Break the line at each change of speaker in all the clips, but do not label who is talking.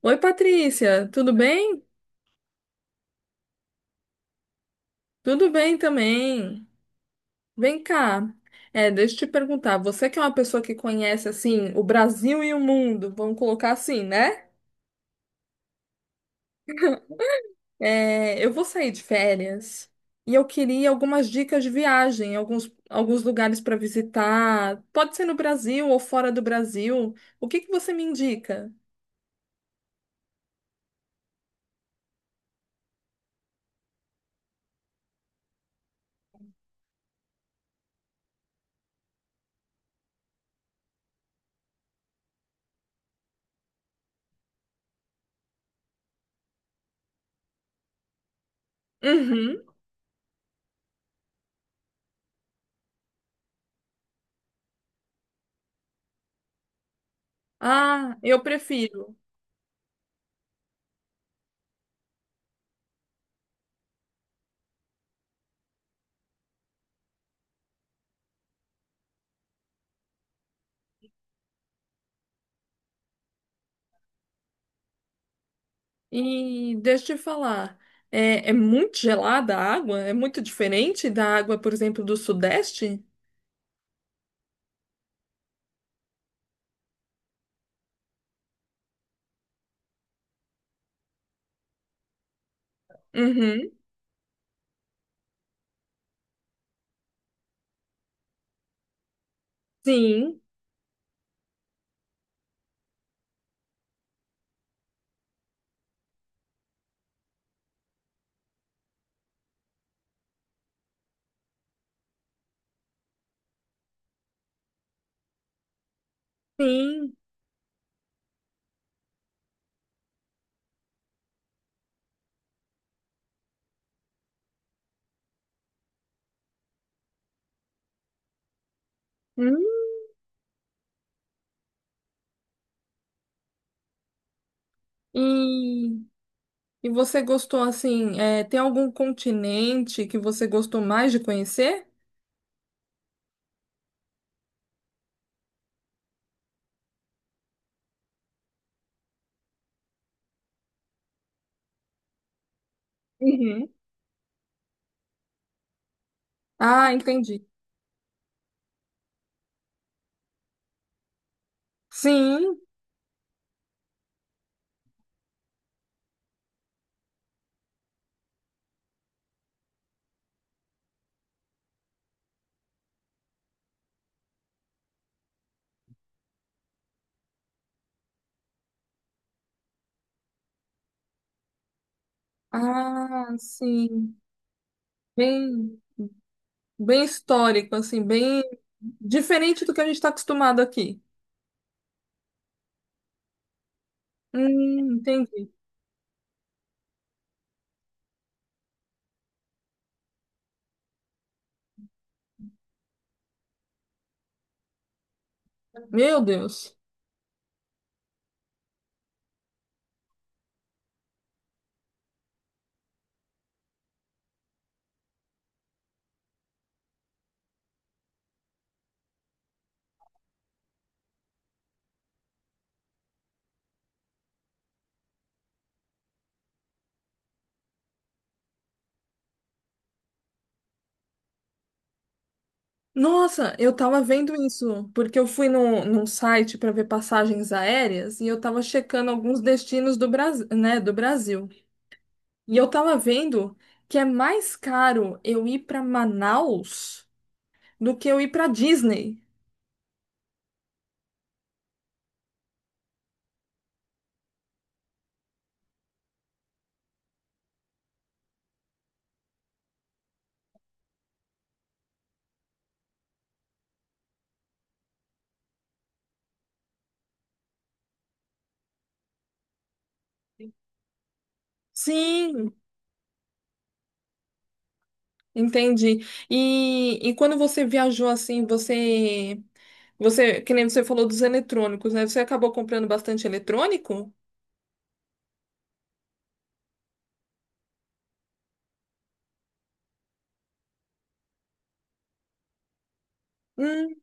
Oi, Patrícia, tudo bem? Tudo bem também. Vem cá. É, deixa eu te perguntar, você que é uma pessoa que conhece assim o Brasil e o mundo, vamos colocar assim, né? É, eu vou sair de férias e eu queria algumas dicas de viagem, alguns lugares para visitar. Pode ser no Brasil ou fora do Brasil. O que que você me indica? Uhum. Ah, eu prefiro. E deixa eu te falar, é muito gelada a água? É muito diferente da água, por exemplo, do Sudeste? Uhum. Sim, sim. Hum. E, e você gostou, assim, tem algum continente que você gostou mais de conhecer? Uhum. Ah, entendi. Sim. Ah, sim. Bem, bem histórico, assim, bem diferente do que a gente está acostumado aqui. Entendi. Meu Deus. Nossa, eu tava vendo isso, porque eu fui num site para ver passagens aéreas e eu tava checando alguns destinos do Brasil, né, do Brasil. E eu tava vendo que é mais caro eu ir para Manaus do que eu ir para Disney. Sim, entendi. E quando você viajou assim, que nem você falou dos eletrônicos, né? Você acabou comprando bastante eletrônico? Hum,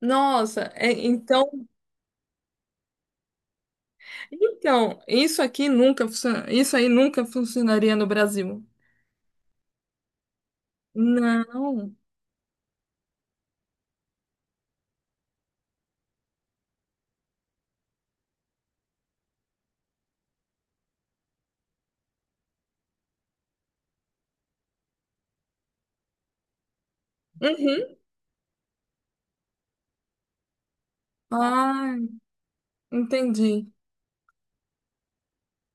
nossa, então então, isso aqui nunca, isso aí nunca funcionaria no Brasil. Não. Uhum. Ah, entendi.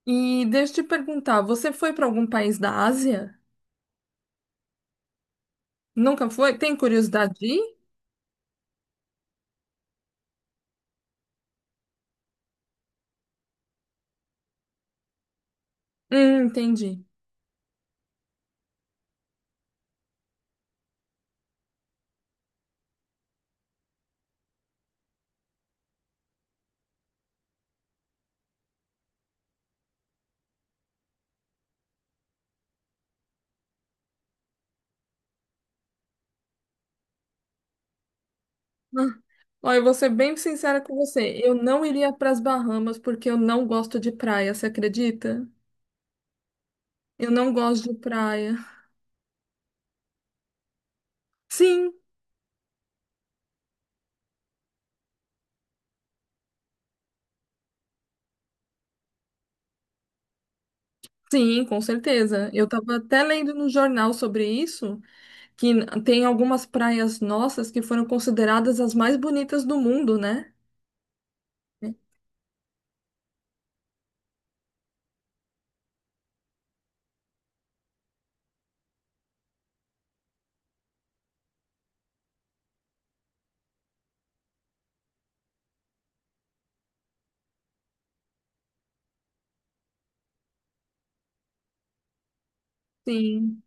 E deixa eu te perguntar, você foi para algum país da Ásia? Nunca foi? Tem curiosidade de ir? Entendi. Ah, olha, eu vou ser bem sincera com você. Eu não iria para as Bahamas porque eu não gosto de praia, você acredita? Eu não gosto de praia. Sim, sim, com certeza. Eu estava até lendo no jornal sobre isso. Tem algumas praias nossas que foram consideradas as mais bonitas do mundo, né? Sim.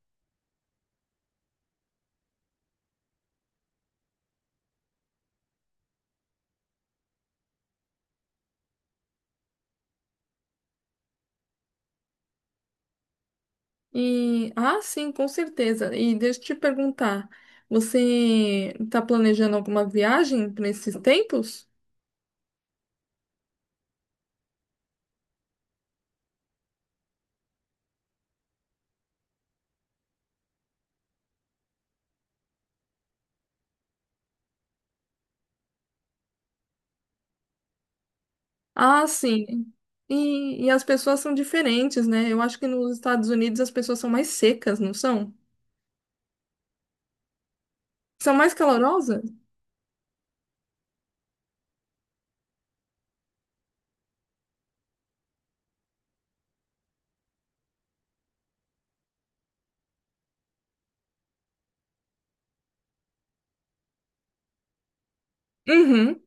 E ah, sim, com certeza. E deixa eu te perguntar, você está planejando alguma viagem para esses tempos? Ah, sim. E as pessoas são diferentes, né? Eu acho que nos Estados Unidos as pessoas são mais secas, não são? São mais calorosas? Uhum.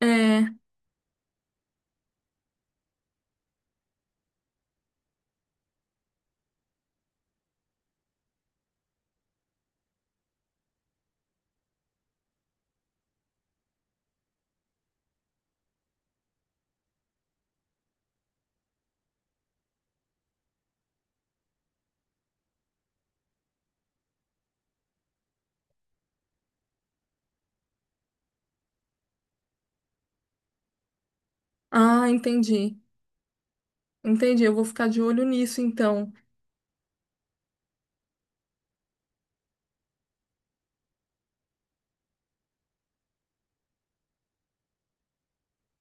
É. Ah, entendi. Entendi. Eu vou ficar de olho nisso, então.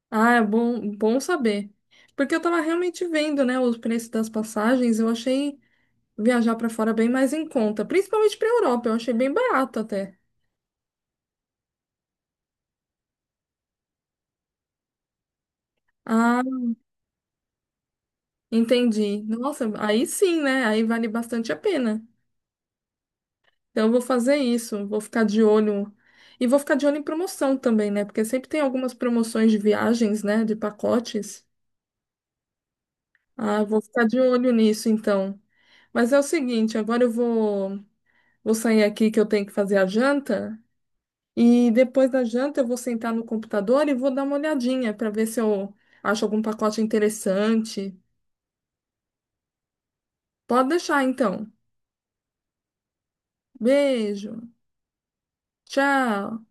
Ah, bom saber. Porque eu tava realmente vendo, né, os preços das passagens, eu achei viajar pra fora bem mais em conta, principalmente pra Europa, eu achei bem barato até. Ah, entendi. Nossa, aí sim, né? Aí vale bastante a pena. Então eu vou fazer isso, vou ficar de olho. E vou ficar de olho em promoção também, né? Porque sempre tem algumas promoções de viagens, né, de pacotes. Ah, eu vou ficar de olho nisso então. Mas é o seguinte, vou sair aqui que eu tenho que fazer a janta. E depois da janta eu vou sentar no computador e vou dar uma olhadinha para ver se eu acho algum pacote interessante. Pode deixar então. Beijo. Tchau.